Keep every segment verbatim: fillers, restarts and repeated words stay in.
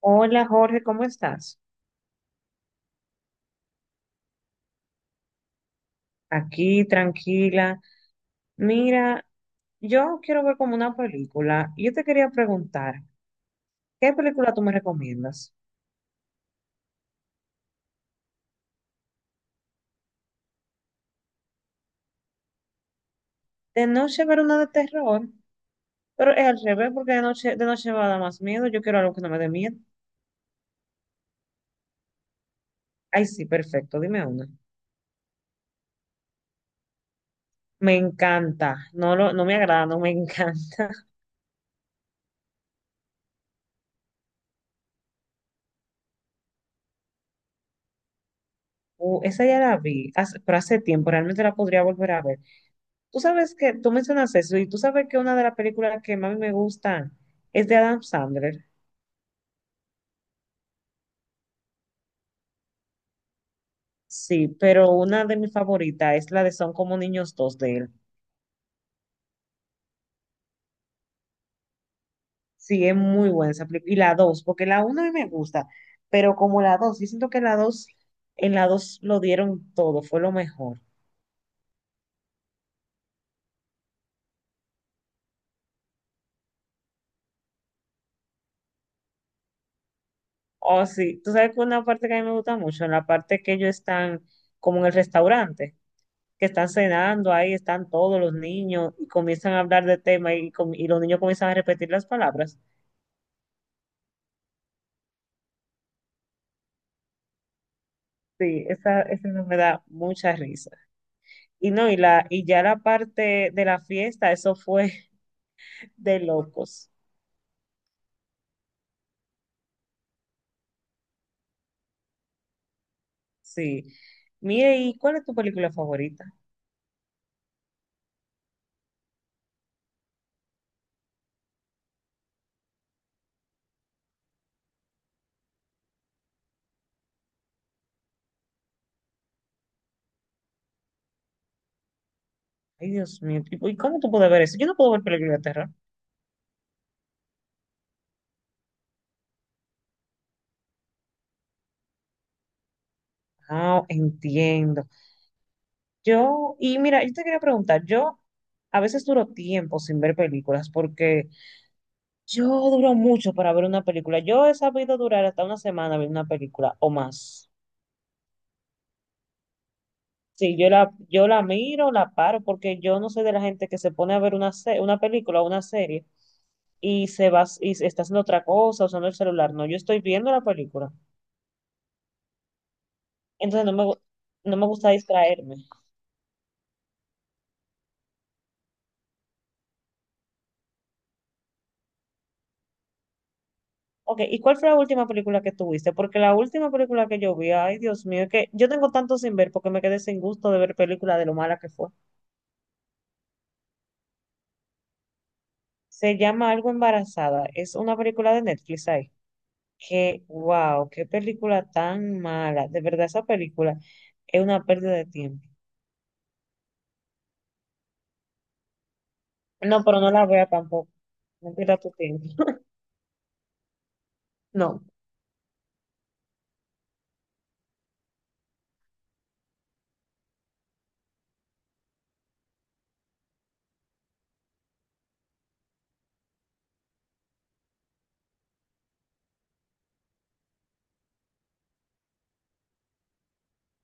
Hola Jorge, ¿cómo estás? Aquí, tranquila. Mira, yo quiero ver como una película. Yo te quería preguntar, ¿qué película tú me recomiendas? De noche ver una de terror, pero es al revés, porque de noche, de noche me va a dar más miedo. Yo quiero algo que no me dé miedo. Ay, sí, perfecto, dime una. Me encanta, no, lo, no me agrada, no me encanta. Uh, esa ya la vi, hace- pero hace tiempo, realmente la podría volver a ver. Tú sabes que, tú mencionas eso, y tú sabes que una de las películas que más me gustan es de Adam Sandler. Sí, pero una de mis favoritas es la de Son como niños dos de él. Sí, es muy buena esa película. Y la dos, porque la uno a mí me gusta, pero como la dos, yo siento que la dos, en la dos lo dieron todo, fue lo mejor. Oh, sí, tú sabes que una parte que a mí me gusta mucho, en la parte que ellos están como en el restaurante, que están cenando, ahí están todos los niños y comienzan a hablar de tema y, com- y los niños comienzan a repetir las palabras. Sí, esa, esa no me da mucha risa. Y no, y la, y ya la parte de la fiesta, eso fue de locos. Sí. Mire, ¿y cuál es tu película favorita? Ay, Dios mío, ¿y y cómo tú puedes ver eso? Yo no puedo ver películas de terror. Ah, entiendo. Yo, y mira, yo te quería preguntar, yo a veces duro tiempo sin ver películas porque yo duro mucho para ver una película. Yo he sabido durar hasta una semana viendo una película o más. Sí, yo la, yo la miro, la paro, porque yo no soy de la gente que se pone a ver una, se- una película o una serie y se va y se está haciendo otra cosa, usando el celular. No, yo estoy viendo la película. Entonces no me, gu- no me gusta distraerme. Ok, ¿y cuál fue la última película que tuviste? Porque la última película que yo vi, ay Dios mío, es que yo tengo tanto sin ver porque me quedé sin gusto de ver películas de lo mala que fue. Se llama Algo Embarazada. Es una película de Netflix ahí. Que, wow, qué película tan mala. De verdad, esa película es una pérdida de tiempo. No, pero no la vea tampoco. No pierdas tu tiempo. No,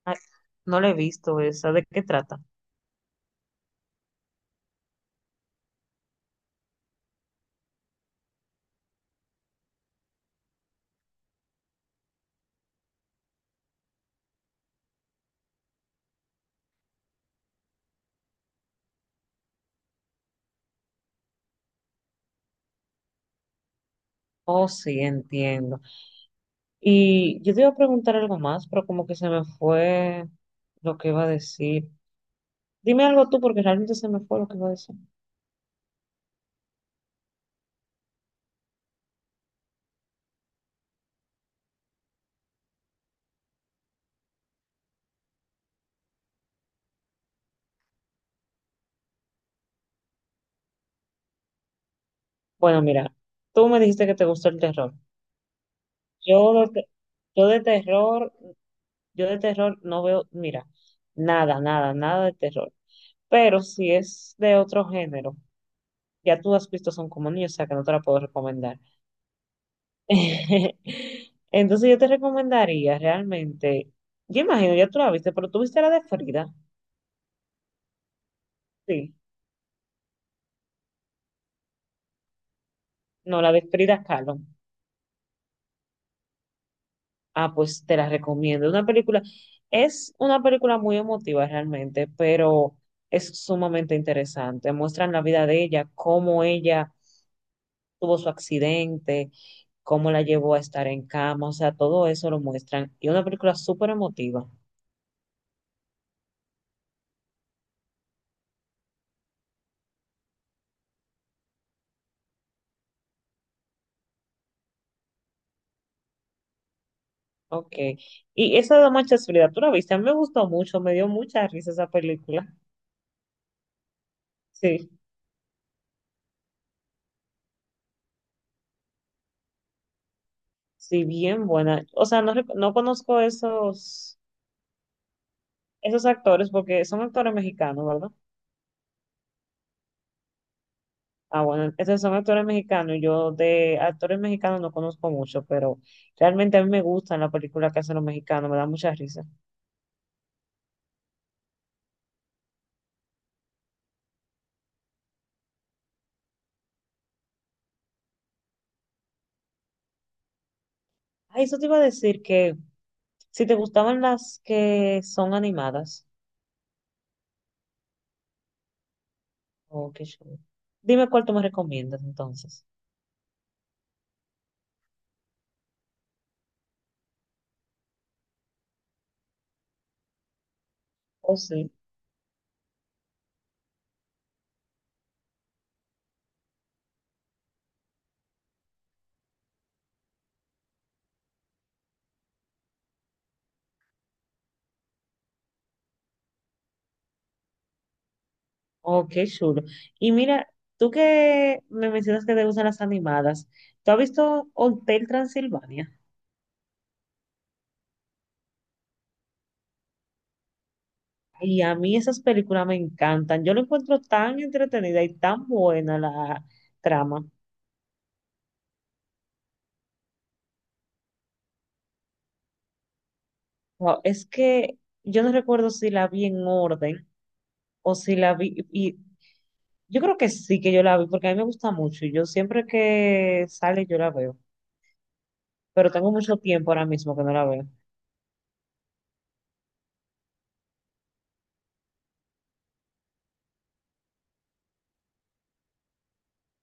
ay, no la he visto esa. ¿De qué trata? Oh, sí, entiendo. Y yo te iba a preguntar algo más, pero como que se me fue lo que iba a decir. Dime algo tú, porque realmente se me fue lo que iba a decir. Bueno, mira, tú me dijiste que te gusta el terror. Yo, de- te- yo de terror, yo de terror no veo, mira, nada, nada, nada de terror. Pero si es de otro género, ya tú has visto Son como niños, o sea que no te la puedo recomendar. Entonces yo te recomendaría realmente, yo imagino, ya tú la viste, pero tú viste la de Frida. Sí, no, la de Frida Kahlo. Ah, pues te la recomiendo. Una película, es una película muy emotiva realmente, pero es sumamente interesante. Muestran la vida de ella, cómo ella tuvo su accidente, cómo la llevó a estar en cama, o sea, todo eso lo muestran. Y una película súper emotiva. Ok. Y esa de Mancha Fría, tú la viste, a mí me gustó mucho, me dio mucha risa esa película. Sí, sí, bien buena. O sea, no, rec- no conozco esos, esos actores porque son actores mexicanos, ¿verdad? Ah, bueno, esos son actores mexicanos. Y yo de actores mexicanos no conozco mucho, pero realmente a mí me gustan las películas que hacen los mexicanos, me da mucha risa. Ah, eso te iba a decir, que si te gustaban las que son animadas, oh, qué chulo. Dime cuál tú me recomiendas entonces. Oh, sí. Oh, qué chulo. Y mira, tú que me mencionas que te gustan las animadas, ¿tú has visto Hotel Transilvania? Y a mí esas películas me encantan. Yo lo encuentro tan entretenida y tan buena la trama. Wow, es que yo no recuerdo si la vi en orden, o si la vi, y yo creo que sí que yo la vi, porque a mí me gusta mucho, y yo siempre que sale yo la veo, pero tengo mucho tiempo ahora mismo que no la veo.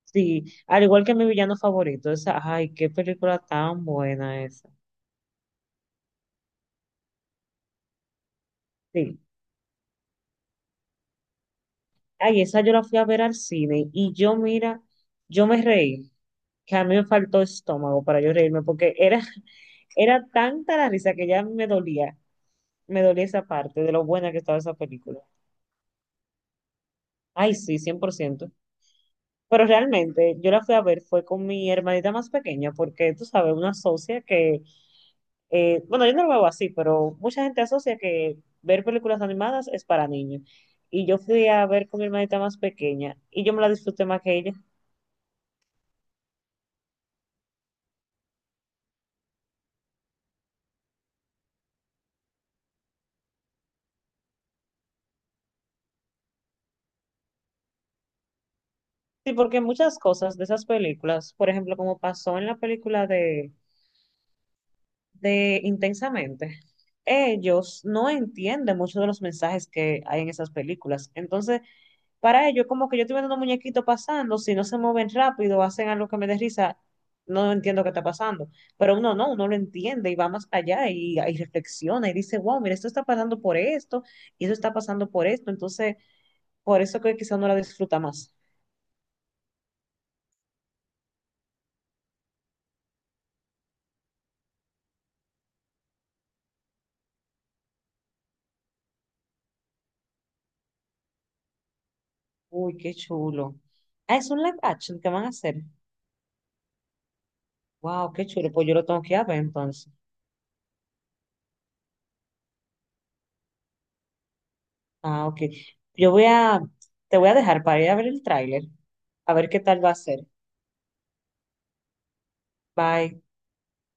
Sí, al igual que mi villano favorito, esa, ay, qué película tan buena esa. Sí, ay, esa yo la fui a ver al cine, y yo, mira, yo me reí, que a mí me faltó estómago para yo reírme, porque era, era tanta la risa que ya me dolía, me dolía esa parte de lo buena que estaba esa película. Ay, sí, cien por ciento. Pero realmente yo la fui a ver fue con mi hermanita más pequeña, porque tú sabes, una asocia que, eh, bueno, yo no lo veo así, pero mucha gente asocia que ver películas animadas es para niños. Y yo fui a ver con mi hermanita más pequeña y yo me la disfruté más que ella. Sí, porque muchas cosas de esas películas, por ejemplo, como pasó en la película de, de Intensamente, ellos no entienden muchos de los mensajes que hay en esas películas. Entonces, para ellos, como que yo estoy viendo unos muñequitos pasando, si no se mueven rápido, hacen algo que me dé risa, no entiendo qué está pasando. Pero uno no, uno lo entiende y va más allá y, y reflexiona y dice, wow, mira, esto está pasando por esto y eso está pasando por esto. Entonces, por eso que quizá uno la disfruta más. Uy, qué chulo. Ah, es un live action que van a hacer. Wow, qué chulo. Pues yo lo tengo que ir a ver entonces. Ah, ok. Yo voy a, te voy a dejar para ir a ver el tráiler, a ver qué tal va a ser. Bye.